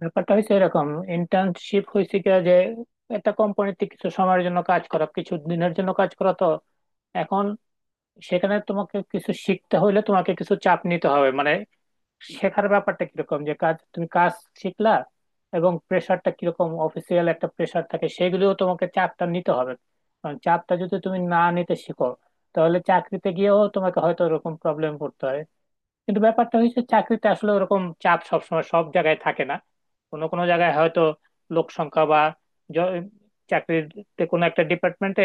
ব্যাপারটা হয়েছে এরকম। ইন্টার্নশিপ হয়েছে কি যে একটা কোম্পানিতে কিছু সময়ের জন্য কাজ করা, কিছু দিনের জন্য কাজ করা। তো এখন সেখানে তোমাকে কিছু শিখতে হলে তোমাকে কিছু চাপ নিতে হবে। মানে শেখার ব্যাপারটা কিরকম যে তুমি কাজ শিখলা এবং প্রেশারটা কিরকম, অফিসিয়াল একটা প্রেশার থাকে, সেগুলিও তোমাকে চাপটা নিতে হবে। কারণ চাপটা যদি তুমি না নিতে শিখো, তাহলে চাকরিতে গিয়েও তোমাকে হয়তো এরকম প্রবলেম পড়তে হয়। কিন্তু ব্যাপারটা হচ্ছে, চাকরিতে আসলে ওরকম চাপ সবসময় সব জায়গায় থাকে না। কোনো কোনো জায়গায় হয়তো লোক সংখ্যা বা জ- চাকরিতে কোনো একটা ডিপার্টমেন্টে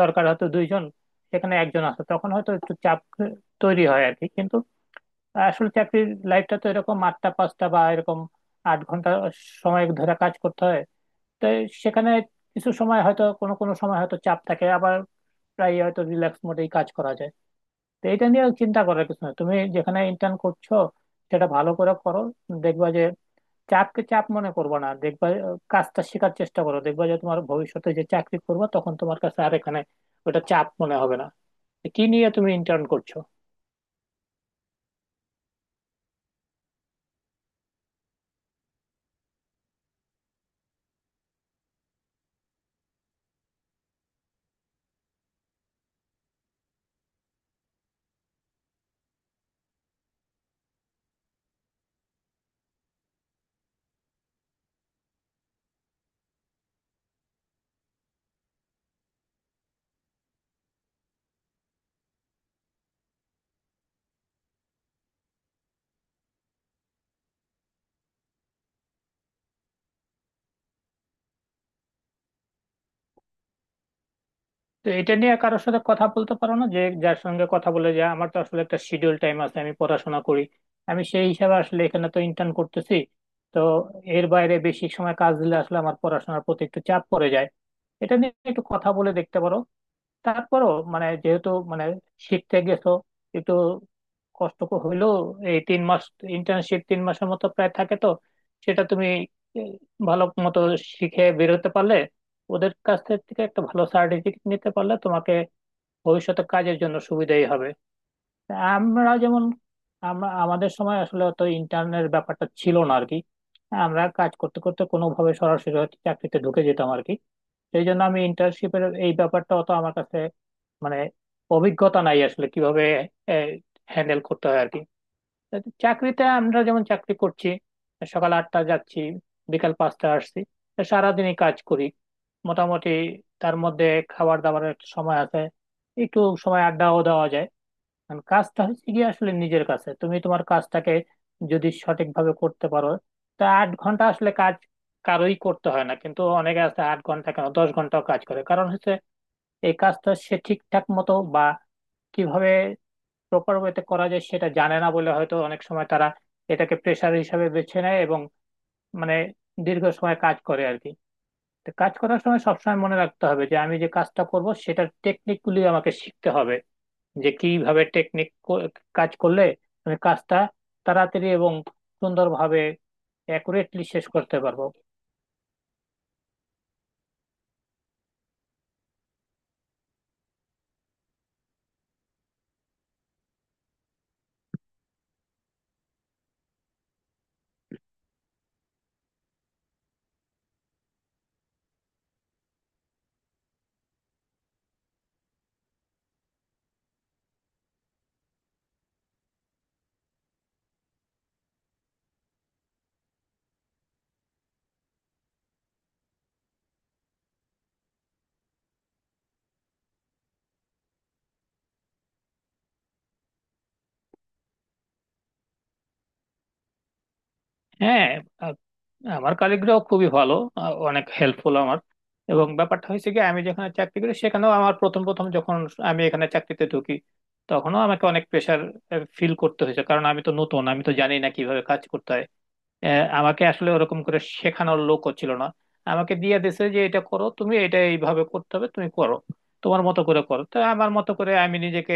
দরকার হয়তো দুইজন, সেখানে একজন আছে, তখন হয়তো একটু চাপ তৈরি হয় আর কি। কিন্তু আসলে চাকরির লাইফটা তো এরকম 8টা-5টা, বা এরকম 8 ঘন্টা সময় ধরে কাজ করতে হয়। তো সেখানে কিছু সময় হয়তো, কোনো কোনো সময় হয়তো চাপ থাকে, আবার প্রায় হয়তো রিল্যাক্স মোডেই কাজ করা যায়। তো এটা নিয়ে চিন্তা করার কিছু না, তুমি যেখানে ইন্টার্ন করছো সেটা ভালো করে করো। দেখবা যে চাপকে চাপ মনে করবে না। দেখবা, কাজটা শেখার চেষ্টা করো। দেখবা যে তোমার ভবিষ্যতে যে চাকরি করবে তখন তোমার কাছে আর এখানে ওটা চাপ মনে হবে না। তো কি নিয়ে তুমি ইন্টার্ন করছো? তো এটা নিয়ে কারোর সাথে কথা বলতে পারো না, যে যার সঙ্গে কথা বলে যে আমার তো আসলে একটা শিডিউল টাইম আছে, আমি পড়াশোনা করি, আমি সেই হিসাবে আসলে এখানে তো ইন্টার্ন করতেছি। তো এর বাইরে বেশি সময় কাজ দিলে আসলে আমার পড়াশোনার প্রতি একটু চাপ পড়ে যায়। এটা নিয়ে একটু কথা বলে দেখতে পারো। তারপরও মানে, যেহেতু মানে শিখতে গেছো, একটু কষ্ট হইলেও এই 3 মাস। ইন্টার্নশিপ 3 মাসের মতো প্রায় থাকে, তো সেটা তুমি এই, ভালো মতো শিখে বেরোতে পারলে, ওদের কাছ থেকে একটা ভালো সার্টিফিকেট নিতে পারলে তোমাকে ভবিষ্যতে কাজের জন্য সুবিধাই হবে। আমরা যেমন আমরা আমাদের সময় আসলে অত ইন্টার্নের ব্যাপারটা ছিল না আর কি। আমরা কাজ করতে করতে কোনোভাবে সরাসরি হয়তো চাকরিতে ঢুকে যেতাম আর কি। সেই জন্য আমি ইন্টার্নশিপের এই ব্যাপারটা অত আমার কাছে মানে অভিজ্ঞতা নাই, আসলে কিভাবে হ্যান্ডেল করতে হয় আর কি। চাকরিতে আমরা যেমন চাকরি করছি, সকাল 8টা যাচ্ছি, বিকাল 5টা আসছি, তা সারাদিনই কাজ করি মোটামুটি। তার মধ্যে খাবার দাবারের একটা সময় আছে, একটু সময় আড্ডাও দেওয়া যায়। কারণ কাজটা হচ্ছে কি, আসলে নিজের কাছে তুমি তোমার কাজটাকে যদি সঠিকভাবে করতে পারো, তা 8 ঘন্টা আসলে কাজ কারোই করতে হয় না। কিন্তু অনেকে আছে, 8 ঘন্টা কেন 10 ঘন্টাও কাজ করে। কারণ হচ্ছে এই কাজটা সে ঠিকঠাক মতো বা কিভাবে প্রপার ওয়েতে করা যায় সেটা জানে না বলে হয়তো অনেক সময় তারা এটাকে প্রেশার হিসাবে বেছে নেয় এবং মানে দীর্ঘ সময় কাজ করে আর কি। তো কাজ করার সময় সবসময় মনে রাখতে হবে যে আমি যে কাজটা করব সেটার টেকনিকগুলি আমাকে শিখতে হবে, যে কিভাবে টেকনিক কাজ করলে আমি কাজটা তাড়াতাড়ি এবং সুন্দরভাবে অ্যাকুরেটলি শেষ করতে পারবো। হ্যাঁ। আ- আমার কলিগরাও খুবই ভালো, অনেক হেল্পফুল আমার। এবং ব্যাপারটা হয়েছে কি, আমি যেখানে চাকরি করি সেখানেও আমার প্রথম প্রথম যখন আমি এখানে চাকরিতে ঢুকি তখনও আমাকে অনেক প্রেশার ফিল করতে হয়েছে। কারণ আমি তো নতুন, আমি তো জানি না কিভাবে কাজ করতে হয়। আমাকে আসলে ওরকম করে শেখানোর লোকও ছিল না। আমাকে দিয়ে দিছে যে এটা করো, তুমি এটা এইভাবে করতে হবে, তুমি করো, তোমার মতো করে করো। তো আমার মতো করে আমি নিজেকে,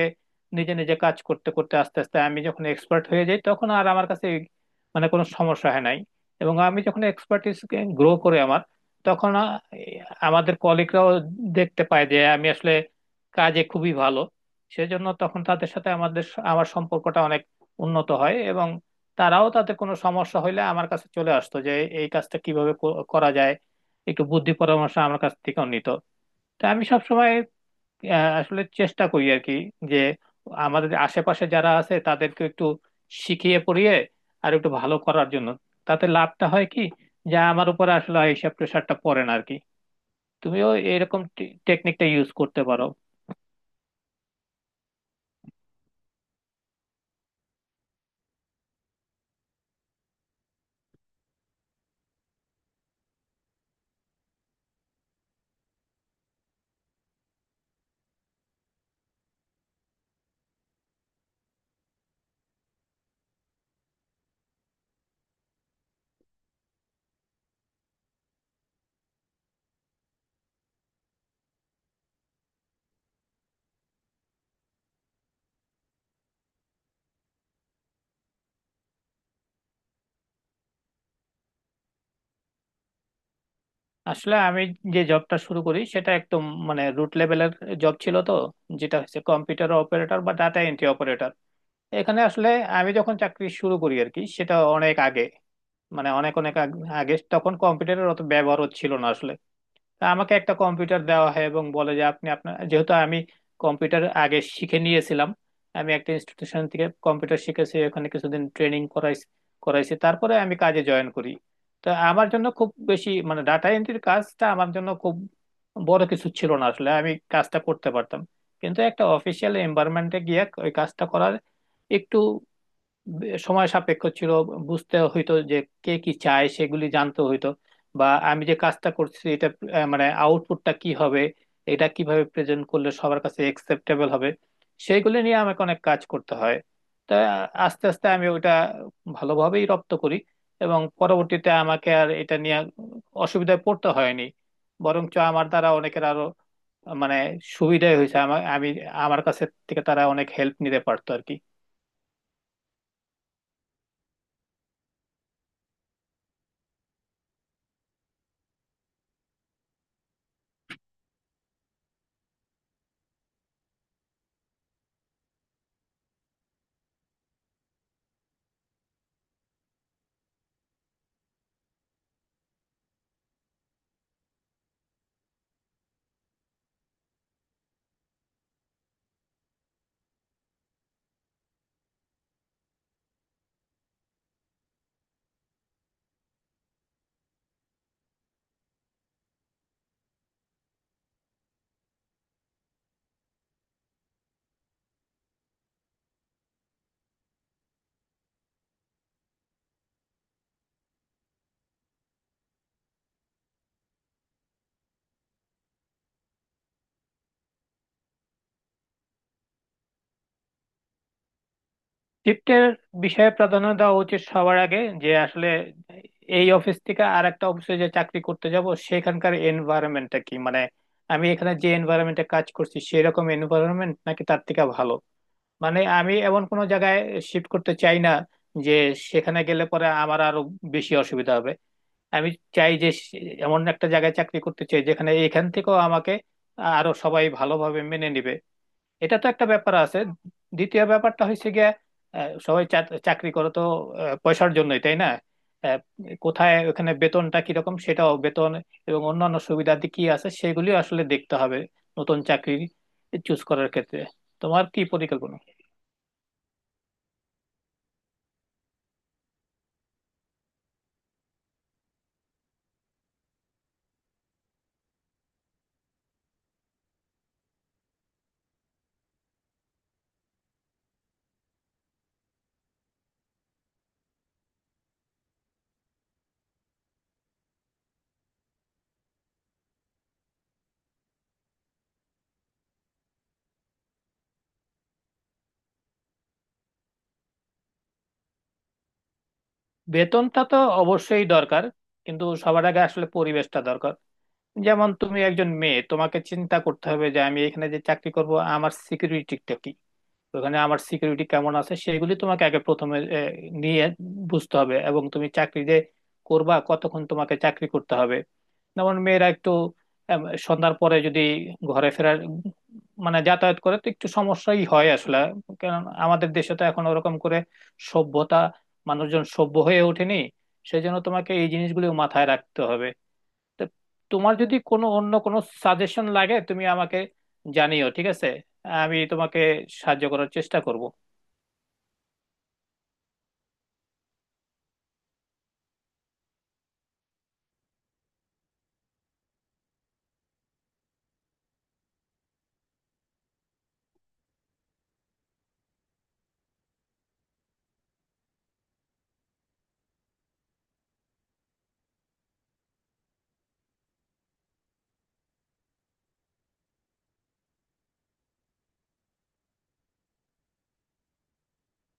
নিজে নিজে কাজ করতে করতে আস্তে আস্তে আমি যখন এক্সপার্ট হয়ে যাই তখন আর আমার কাছে এই মানে কোনো সমস্যা হয় নাই। এবং আমি যখন এক্সপার্টিস গ্রো করে আমার তখন আমাদের কলিগরাও দেখতে পায় যে আমি আসলে কাজে খুবই ভালো। সেজন্য তখন তাদের সাথে আমার সম্পর্কটা অনেক উন্নত হয় এবং তারাও, তাতে কোনো সমস্যা হইলে আমার কাছে চলে আসতো, যে এই কাজটা কিভাবে করা যায়, একটু বুদ্ধি পরামর্শ আমার কাছ থেকেও নিত। তো আমি সবসময় আসলে চেষ্টা করি আর কি, যে আমাদের আশেপাশে যারা আছে তাদেরকে একটু শিখিয়ে পড়িয়ে আর একটু ভালো করার জন্য। তাতে লাভটা হয় কি, যা আমার উপর আসলে এইসব প্রেশারটা পড়ে না আর কি। তুমিও এরকম টেকনিকটা ইউজ করতে পারো। আসলে আমি যে জবটা শুরু করি সেটা একদম মানে রুট লেভেলের জব ছিল, তো যেটা হচ্ছে কম্পিউটার অপারেটর বা ডাটা এন্ট্রি অপারেটর। এখানে আসলে আমি যখন চাকরি শুরু করি আর কি সেটা অনেক আগে, মানে অনেক অনেক আগে তখন কম্পিউটারের অত ব্যবহারও ছিল না আসলে। তা আমাকে একটা কম্পিউটার দেওয়া হয় এবং বলে যে আপনি আপনার, যেহেতু আমি কম্পিউটার আগে শিখে নিয়েছিলাম, আমি একটা ইনস্টিটিউশন থেকে কম্পিউটার শিখেছি, ওখানে কিছুদিন ট্রেনিং করাইছি করাইছি তারপরে আমি কাজে জয়েন করি। তো আমার জন্য খুব বেশি মানে ডাটা এন্ট্রির কাজটা আমার জন্য খুব বড় কিছু ছিল না, আসলে আমি কাজটা করতে পারতাম। কিন্তু একটা অফিসিয়াল এনভায়রনমেন্টে গিয়ে ওই কাজটা করার একটু সময় সাপেক্ষ ছিল। বুঝতে হইতো যে কে কি চায় সেগুলি জানতে হইতো, বা আমি যে কাজটা করছি এটা মানে আউটপুটটা কি হবে, এটা কিভাবে প্রেজেন্ট করলে সবার কাছে একসেপ্টেবল হবে, সেইগুলি নিয়ে আমাকে অনেক কাজ করতে হয়। তা আস্তে আস্তে আমি ওটা ভালোভাবেই রপ্ত করি এবং পরবর্তীতে আমাকে আর এটা নিয়ে অসুবিধায় পড়তে হয়নি। বরঞ্চ আমার দ্বারা অনেকের আরো মানে সুবিধাই হয়েছে, আমি আমার কাছে থেকে তারা অনেক হেল্প নিতে পারতো আর কি। শিফটের বিষয়ে প্রাধান্য দেওয়া উচিত সবার আগে, যে আসলে এই অফিস থেকে আর একটা অফিসে যে চাকরি করতে যাব সেখানকার এনভায়রনমেন্টটা কি, মানে আমি এখানে যে এনভায়রনমেন্টে কাজ করছি সেরকম এনভায়রনমেন্ট নাকি তার থেকে ভালো। মানে আমি এমন কোনো জায়গায় শিফট করতে চাই না যে সেখানে গেলে পরে আমার আরো বেশি অসুবিধা হবে। আমি চাই যে এমন একটা জায়গায় চাকরি করতে চাই যেখানে এখান থেকেও আমাকে আরো সবাই ভালোভাবে মেনে নিবে, এটা তো একটা ব্যাপার আছে। দ্বিতীয় ব্যাপারটা হচ্ছে গিয়া, সবাই চাকরি করো তো পয়সার জন্যই, তাই না। আহ, কোথায় ওখানে বেতনটা কিরকম, সেটাও বেতন এবং অন্যান্য সুবিধাদি কি আছে সেগুলিও আসলে দেখতে হবে নতুন চাকরি চুজ করার ক্ষেত্রে। তোমার কি পরিকল্পনা? বেতনটা তো অবশ্যই দরকার, কিন্তু সবার আগে আসলে পরিবেশটা দরকার। যেমন তুমি একজন মেয়ে, তোমাকে চিন্তা করতে হবে যে আমি এখানে যে চাকরি করব আমার সিকিউরিটিটা কি। তো ওখানে আমার সিকিউরিটি কেমন আছে সেগুলি তোমাকে আগে প্রথমে নিয়ে বুঝতে হবে এবং তুমি চাকরি যে করবা কতক্ষণ তোমাকে চাকরি করতে হবে। যেমন মেয়েরা একটু আম, সন্ধ্যার পরে যদি ঘরে ফেরার মানে যাতায়াত করে তো একটু সমস্যাই হয় আসলে। কারণ আমাদের দেশে তো এখন ওরকম করে সভ্যতা, মানুষজন সভ্য হয়ে ওঠেনি। সেই জন্য তোমাকে এই জিনিসগুলো মাথায় রাখতে হবে। তো তোমার যদি কোনো অন্য কোনো সাজেশন লাগে তুমি আমাকে জানিও, ঠিক আছে। আমি তোমাকে সাহায্য করার চেষ্টা করব।